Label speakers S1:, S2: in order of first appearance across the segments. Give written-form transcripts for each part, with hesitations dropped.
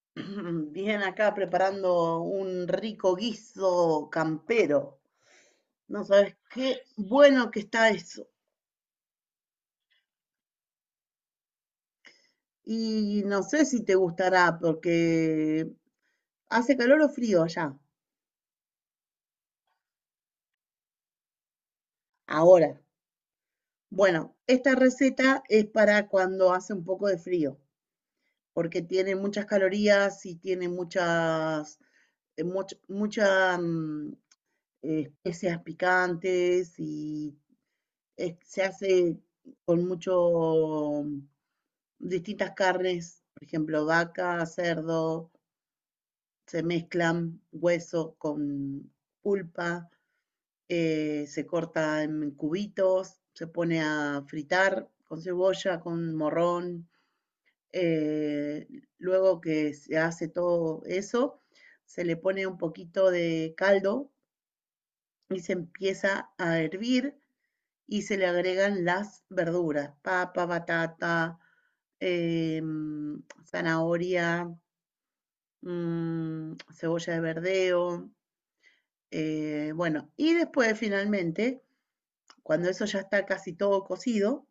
S1: Bien, acá preparando un rico guiso campero. No sabes qué bueno que está eso. Y no sé si te gustará porque hace calor o frío allá. Ahora, bueno, esta receta es para cuando hace un poco de frío, porque tiene muchas calorías y tiene muchas, eh, much- mucha, mm, especias picantes y se hace con distintas carnes, por ejemplo, vaca, cerdo, se mezclan hueso con pulpa. Se corta en cubitos, se pone a fritar con cebolla, con morrón. Eh, luego que se hace todo eso, se le pone un poquito de caldo y se empieza a hervir y se le agregan las verduras, papa, batata, eh, zanahoria, cebolla de verdeo. Bueno y después finalmente, cuando eso ya está casi todo cocido,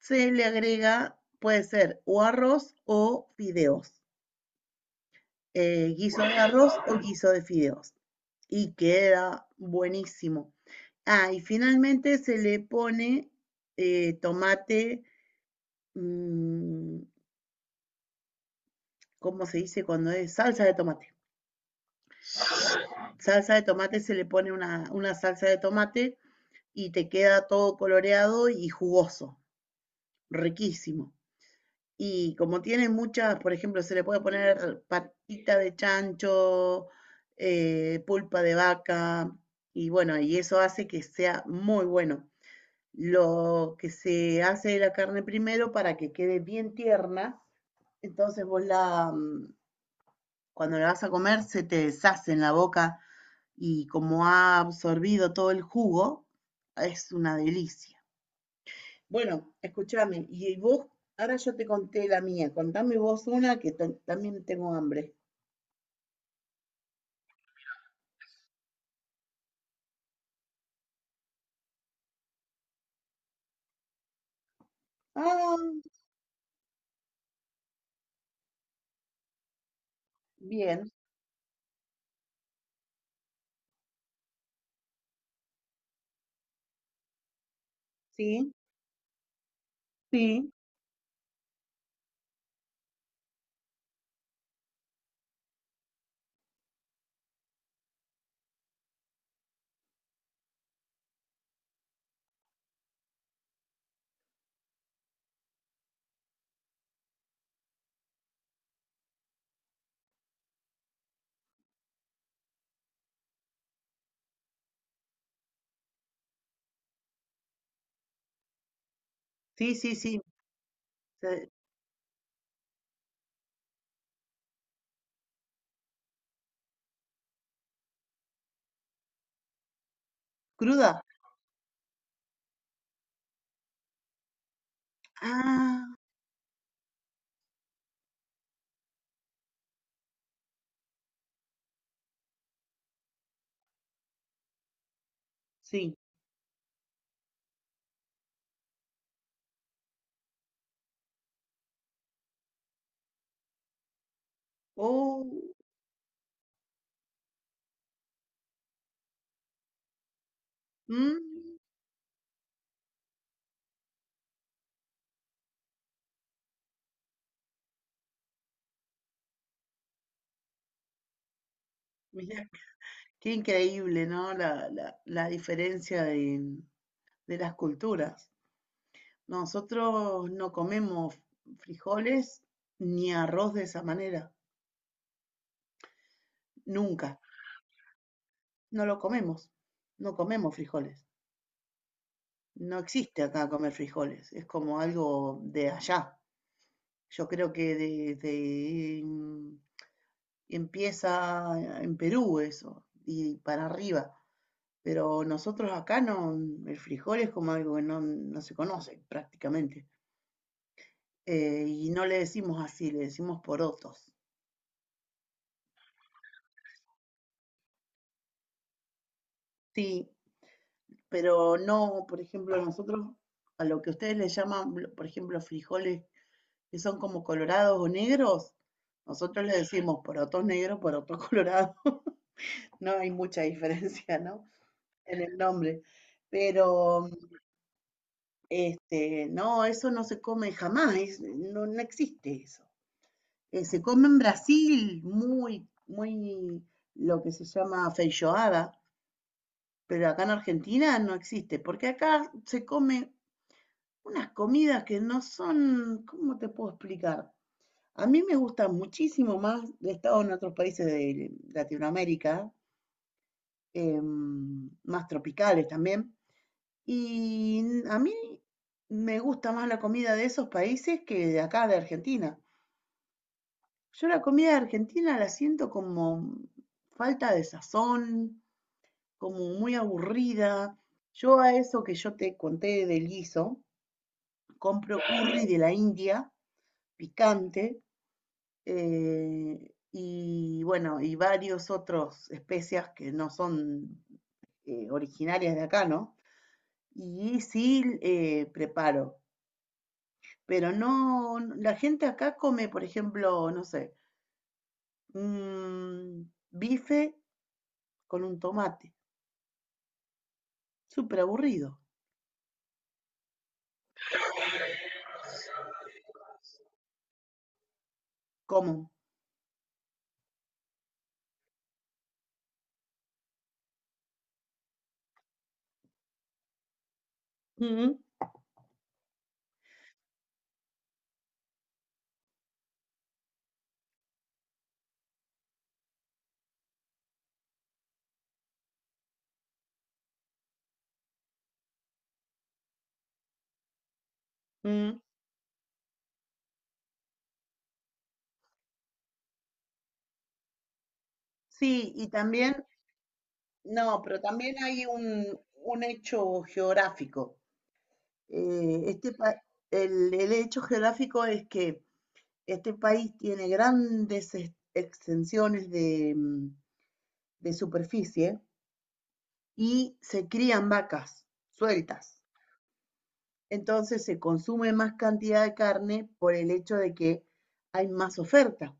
S1: se le agrega, puede ser o arroz o fideos. Guiso de arroz o guiso de fideos. Y queda buenísimo. Ah, y finalmente se le pone tomate, mm, ¿cómo se dice cuando es? Salsa de tomate. Salsa de tomate, se le pone una salsa de tomate y te queda todo coloreado y jugoso, riquísimo. Y como tiene muchas, por ejemplo, se le puede poner patita de chancho, pulpa de vaca, y bueno, y eso hace que sea muy bueno. Lo que se hace de la carne primero para que quede bien tierna, entonces vos la cuando la vas a comer se te deshace en la boca y como ha absorbido todo el jugo, es una delicia. Bueno, escúchame, y vos, ahora yo te conté la mía, contame vos una que también tengo hambre. Ah, bien, sí, sí, sí, sí, sí. se- ¿Cruda? Ah, sí. Oh, mm, mirá, qué increíble, ¿no? La diferencia de las culturas. Nosotros no comemos frijoles ni arroz de esa manera, nunca. No lo comemos, no comemos frijoles. No existe acá comer frijoles, es como algo de allá. Yo creo que desde empieza en Perú eso, y para arriba. Pero nosotros acá no, el frijol es como algo que no, no se conoce prácticamente. Y no le decimos así, le decimos porotos. Sí, pero no, por ejemplo, nosotros a lo que ustedes les llaman, por ejemplo, frijoles que son como colorados o negros, nosotros les decimos porotos negros, porotos colorados. No hay mucha diferencia, ¿no? En el nombre. Pero, no, eso no se come jamás, no, no existe eso. Se come en Brasil muy, muy lo que se llama feijoada, pero acá en Argentina no existe, porque acá se come unas comidas que no son, ¿cómo te puedo explicar? A mí me gusta muchísimo más, he estado en otros países de Latinoamérica, más tropicales también, y a mí me gusta más la comida de esos países que de acá, de Argentina. Yo la comida de Argentina la siento como falta de sazón, como muy aburrida. Yo a eso que yo te conté del guiso, compro curry de la India, picante, eh, y bueno, y varios otros especies que no son originarias de acá, ¿no? Y sí, preparo, pero no, no, la gente acá come, por ejemplo, no sé, un bife con un tomate, súper aburrido, como. Mm, mm. Sí, y también, no, pero también hay un hecho geográfico. Eh, este, pa- el hecho geográfico es que este país tiene grandes extensiones de superficie y se crían vacas sueltas. Entonces se consume más cantidad de carne por el hecho de que hay más oferta.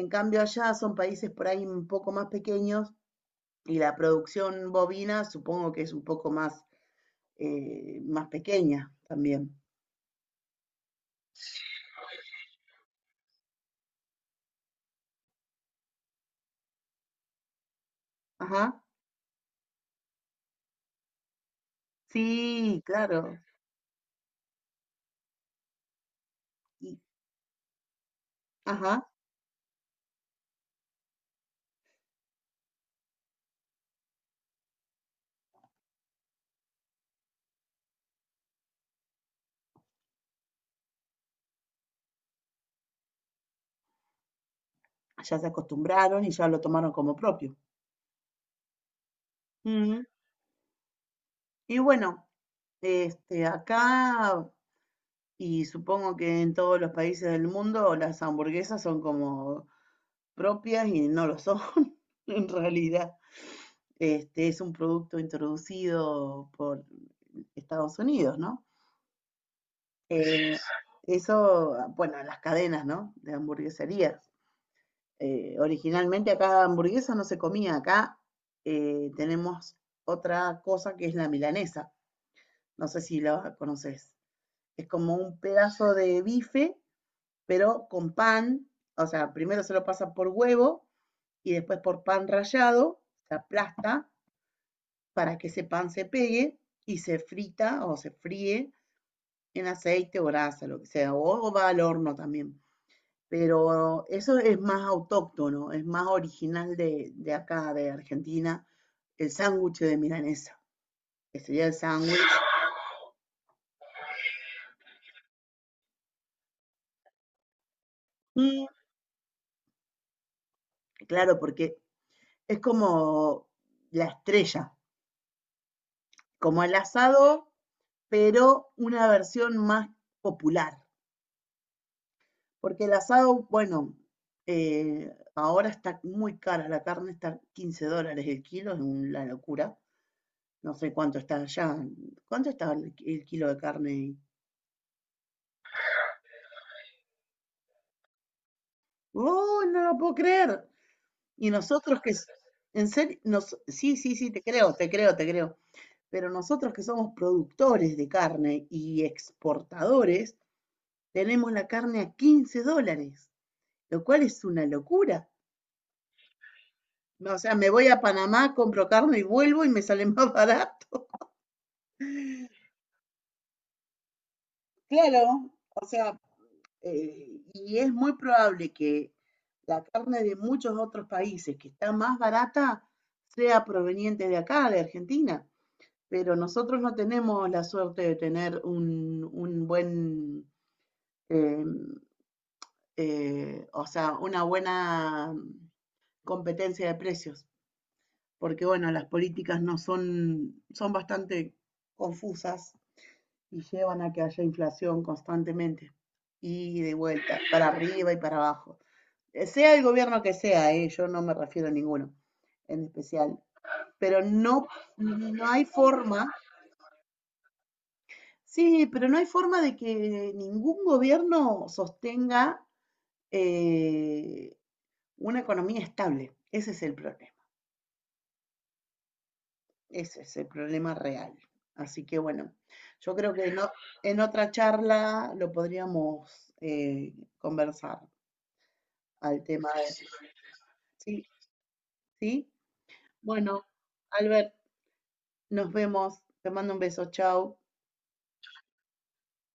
S1: En cambio allá son países por ahí un poco más pequeños y la producción bovina supongo que es un poco más pequeña también. Ajá, sí, claro. Y, ajá, ya se acostumbraron y ya lo tomaron como propio. Ujú. Y bueno, acá y supongo que en todos los países del mundo las hamburguesas son como propias y no lo son en realidad. Este es un producto introducido por Estados Unidos, ¿no? Eh, eso, bueno, las cadenas, ¿no? De hamburgueserías. Originalmente acá hamburguesa no se comía, acá tenemos otra cosa que es la milanesa. No sé si la conoces. Es como un pedazo de bife, pero con pan, o sea, primero se lo pasa por huevo y después por pan rallado, se aplasta para que ese pan se pegue y se frita o se fríe en aceite o grasa, lo que sea, o va al horno también. Pero eso es más autóctono, es más original de acá, de Argentina, el sándwich de milanesa, que sería el sándwich. Mm, claro, porque es como la estrella como el asado, pero una versión más popular. Porque el asado, bueno, ahora está muy cara la carne, está $15 el kilo, es una locura. No sé cuánto está allá. ¿Cuánto está el kilo de carne? ¡Oh, no lo puedo creer! Y nosotros en serio, sí, sí, sí, te creo, te creo, te creo. Pero nosotros que somos productores de carne y exportadores, tenemos la carne a $15, lo cual es una locura. No, o sea, me voy a Panamá, compro carne y vuelvo y me sale más barato. Claro, o sea, y es muy probable que la carne de muchos otros países que está más barata sea proveniente de acá, de Argentina. Pero nosotros no tenemos la suerte de tener un buen, eh, o sea, una buena competencia de precios, porque bueno, las políticas no son, son bastante confusas y llevan a que haya inflación constantemente y de vuelta, para arriba y para abajo. Sea el gobierno que sea, ¿eh? Yo no me refiero a ninguno en especial, pero no, no hay forma, sí, pero no hay forma de que ningún gobierno sostenga eh, una economía estable. Ese es el problema. Ese es el problema real. Así que bueno, yo creo que no, en otra charla lo podríamos conversar al tema de... Sí, sí. Bueno, Albert, nos vemos. Te mando un beso. Chao.